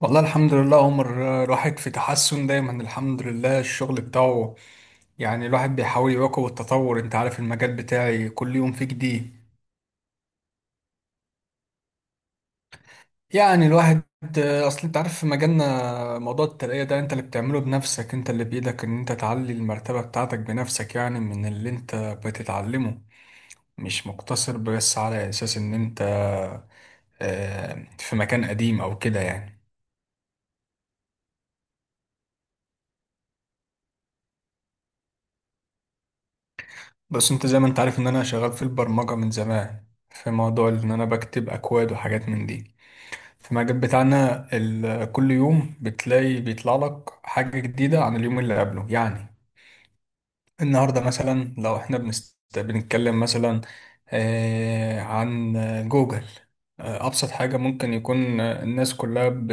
والله الحمد لله، عمر الواحد في تحسن دايما، الحمد لله. الشغل بتاعه يعني الواحد بيحاول يواكب التطور. انت عارف المجال بتاعي كل يوم فيه جديد. يعني الواحد اصل انت عارف، في مجالنا موضوع الترقية ده انت اللي بتعمله بنفسك، انت اللي بايدك ان انت تعلي المرتبة بتاعتك بنفسك، يعني من اللي انت بتتعلمه، مش مقتصر بس على اساس ان انت في مكان قديم او كده يعني. بس انت زي ما انت عارف ان انا شغال في البرمجة من زمان، في موضوع ان انا بكتب اكواد وحاجات من دي. في المجال بتاعنا كل يوم بتلاقي بيطلع لك حاجة جديدة عن اليوم اللي قبله يعني. النهاردة مثلا لو احنا بنتكلم مثلا عن جوجل. ابسط حاجة ممكن يكون الناس كلها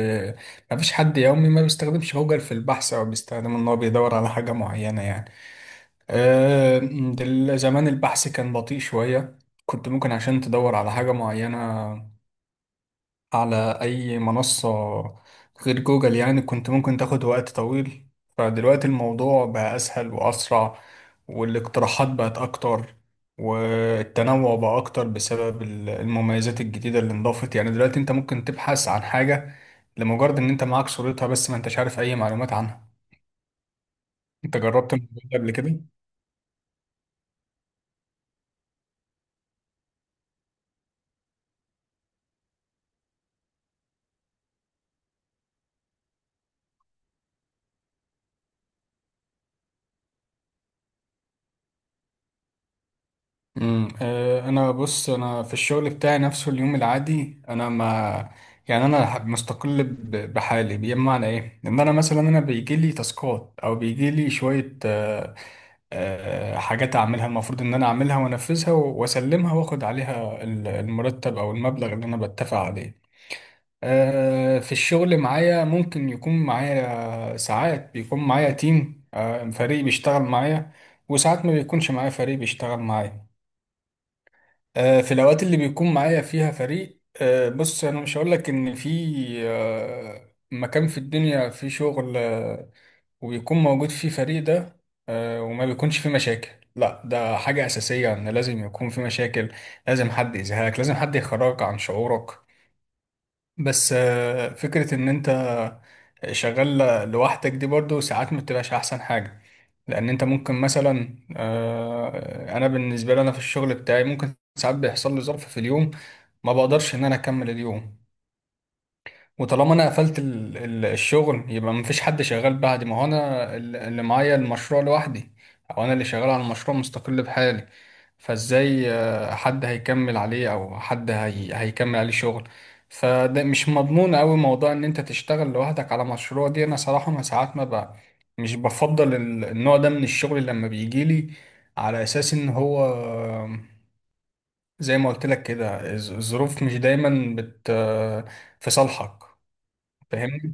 ما فيش حد يومي ما بيستخدمش جوجل في البحث، او بيستخدم ان هو بيدور على حاجة معينة يعني. آه، زمان البحث كان بطيء شوية، كنت ممكن عشان تدور على حاجة معينة على أي منصة غير جوجل، يعني كنت ممكن تاخد وقت طويل. فدلوقتي الموضوع بقى أسهل وأسرع، والاقتراحات بقت أكتر، والتنوع بقى أكتر بسبب المميزات الجديدة اللي انضافت. يعني دلوقتي أنت ممكن تبحث عن حاجة لمجرد إن أنت معاك صورتها بس ما أنتش عارف أي معلومات عنها. أنت جربت الموضوع ده قبل كده؟ انا بص، انا في الشغل بتاعي نفسه، اليوم العادي انا ما يعني انا مستقل بحالي. بمعنى ايه؟ ان انا مثلا، بيجي لي تاسكات او بيجي لي شويه حاجات اعملها، المفروض ان انا اعملها وانفذها واسلمها، واخد عليها المرتب او المبلغ اللي انا بتفق عليه. في الشغل معايا ممكن يكون معايا، ساعات بيكون معايا تيم فريق بيشتغل معايا، وساعات ما بيكونش معايا فريق بيشتغل معايا. في الأوقات اللي بيكون معايا فيها فريق، بص، أنا مش هقول لك إن في مكان في الدنيا في شغل وبيكون موجود فيه فريق ده وما بيكونش فيه مشاكل. لا، ده حاجة أساسية إن لازم يكون في مشاكل، لازم حد يزهقك، لازم حد يخرجك عن شعورك. بس فكرة إن أنت شغال لوحدك دي برضو ساعات ما بتبقاش أحسن حاجة. لأن أنت ممكن مثلا، أنا بالنسبة لي، أنا في الشغل بتاعي ممكن ساعات بيحصل لي ظرف في اليوم ما بقدرش ان انا اكمل اليوم، وطالما انا قفلت الشغل يبقى مفيش حد شغال بعدي، ما هو انا اللي معايا المشروع لوحدي، او انا اللي شغال على المشروع مستقل بحالي. فازاي حد هيكمل عليه، او حد هيكمل عليه شغل؟ فده مش مضمون قوي موضوع ان انت تشتغل لوحدك على مشروع دي. انا صراحة ما ساعات ما بقى مش بفضل النوع ده من الشغل لما بيجيلي، على اساس ان هو زي ما قلت لك كده الظروف مش دايما في صالحك. فاهمني؟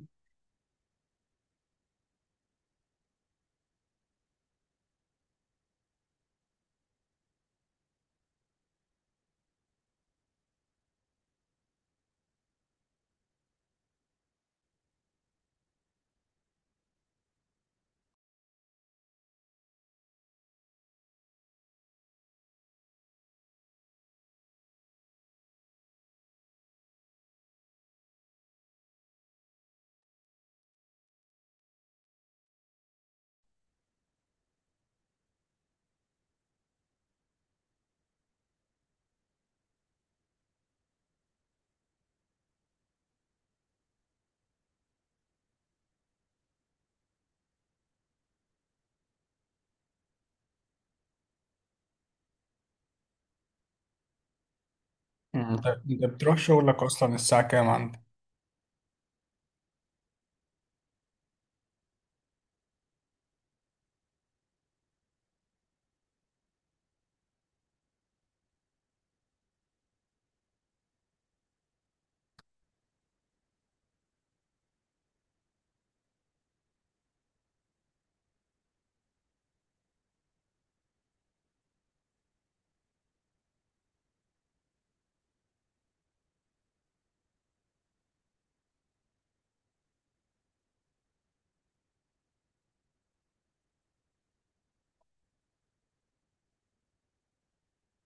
انت، انت بتروح شغلك اصلا الساعة كام عندك؟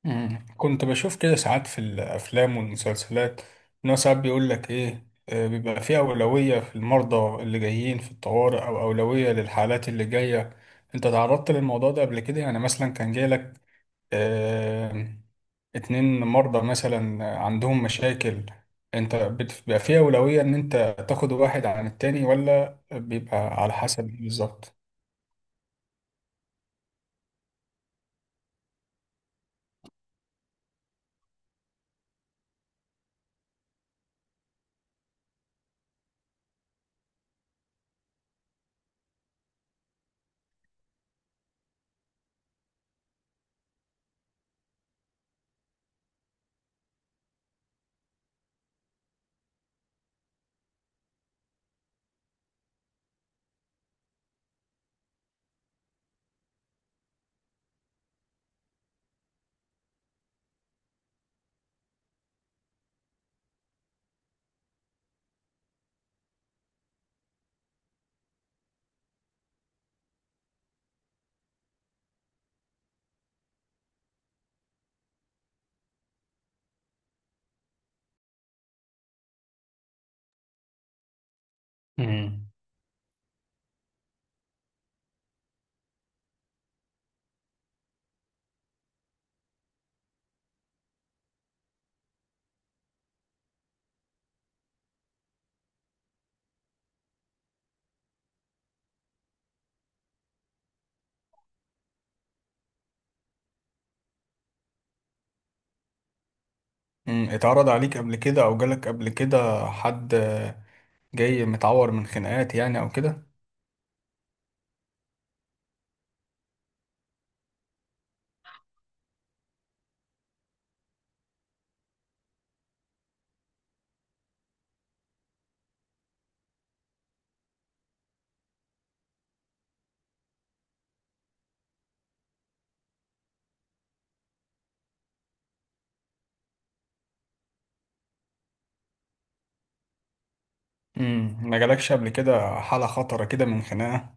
كنت بشوف كده ساعات في الافلام والمسلسلات، ان هو ساعات بيقول لك ايه بيبقى في اولوية في المرضى اللي جايين في الطوارئ، او اولوية للحالات اللي جاية. انت تعرضت للموضوع ده قبل كده؟ يعني مثلا كان جاي لك آه، اتنين مرضى مثلا عندهم مشاكل، انت بيبقى فيه أولوية ان انت تاخد واحد عن التاني، ولا بيبقى على حسب؟ بالظبط. امم اتعرض عليك قبل كده، او جالك قبل كده حد جاي متعور من خناقات يعني او كده؟ ما جالكش قبل كده حالة خطرة كده من خناقة؟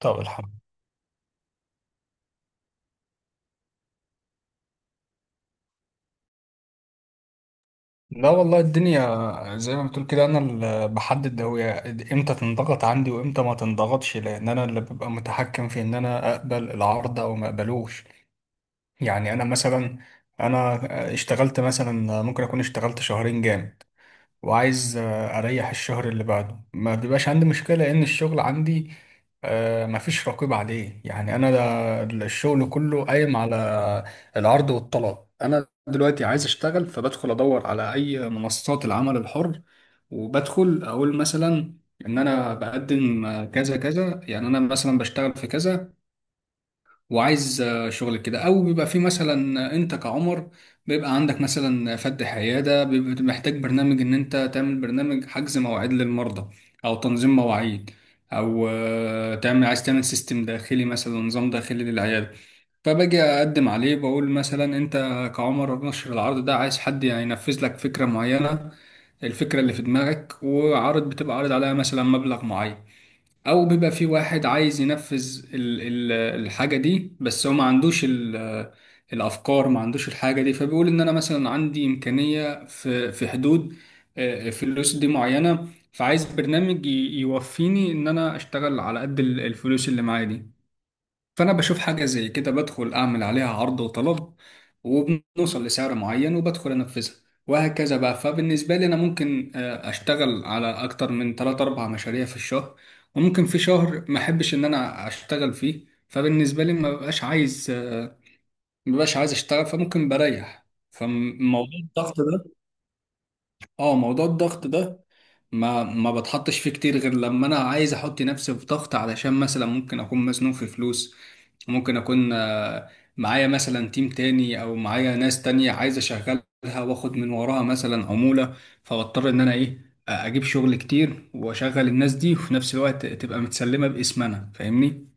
طب لا والله، الدنيا زي ما بتقول كده، انا اللي بحدد هي امتى تنضغط عندي وامتى ما تنضغطش، لان انا اللي ببقى متحكم في ان انا اقبل العرض او ما اقبلوش. يعني انا مثلا، انا اشتغلت مثلا، ممكن اكون اشتغلت شهرين جامد، وعايز اريح الشهر اللي بعده، ما بيبقاش عندي مشكله، لان الشغل عندي مفيش رقيب عليه. يعني انا الشغل كله قايم على العرض والطلب. انا دلوقتي عايز اشتغل، فبدخل ادور على اي منصات العمل الحر، وبدخل اقول مثلا ان انا بقدم كذا كذا، يعني انا مثلا بشتغل في كذا وعايز شغل كده، او بيبقى في مثلا انت كعمر بيبقى عندك مثلا فتح عياده، بيبقى محتاج برنامج ان انت تعمل برنامج حجز مواعيد للمرضى او تنظيم مواعيد، او آه، تعمل عايز تعمل سيستم داخلي مثلا، نظام داخلي للعياده. فباجي اقدم عليه، بقول مثلا انت كعمر نشر العرض ده، عايز حد هينفذ لك فكره معينه، الفكره اللي في دماغك، وعرض بتبقى عارض عليها مثلا مبلغ معين. او بيبقى في واحد عايز ينفذ الحاجه دي، بس هو ما عندوش الافكار، ما عندوش الحاجه دي، فبيقول ان انا مثلا عندي امكانيه في حدود فلوس دي معينه، فعايز برنامج يوفيني ان انا اشتغل على قد الفلوس اللي معايا دي. فأنا بشوف حاجة زي كده، بدخل أعمل عليها عرض وطلب، وبنوصل لسعر معين، وبدخل أنفذها، وهكذا بقى. فبالنسبة لي أنا ممكن أشتغل على أكتر من 3 أربع مشاريع في الشهر، وممكن في شهر ما أحبش إن أنا أشتغل فيه، فبالنسبة لي ما ببقاش عايز أشتغل، فممكن بريح. فموضوع الضغط ده، اه، موضوع الضغط ده ما بتحطش فيه كتير غير لما انا عايز احط نفسي في ضغط، علشان مثلا ممكن اكون مزنوق في فلوس، ممكن اكون معايا مثلا تيم تاني او معايا ناس تانية عايز اشغلها، واخد من وراها مثلا عمولة، فبضطر ان انا ايه اجيب شغل كتير واشغل الناس دي، وفي نفس الوقت تبقى متسلمة باسم انا. فاهمني؟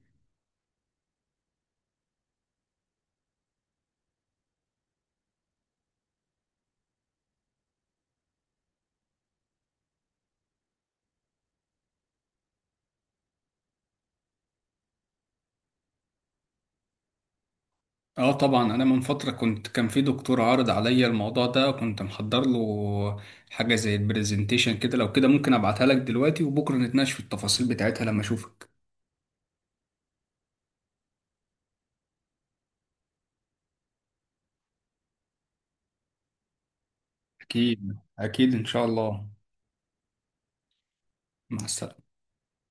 اه طبعا، انا من فترة كنت، كان في دكتور عارض عليا الموضوع ده، وكنت محضر له حاجة زي البرزنتيشن كده. لو كده ممكن ابعتها لك دلوقتي، وبكرة نتناقش في التفاصيل بتاعتها لما اشوفك. اكيد اكيد، ان شاء الله. مع السلامة.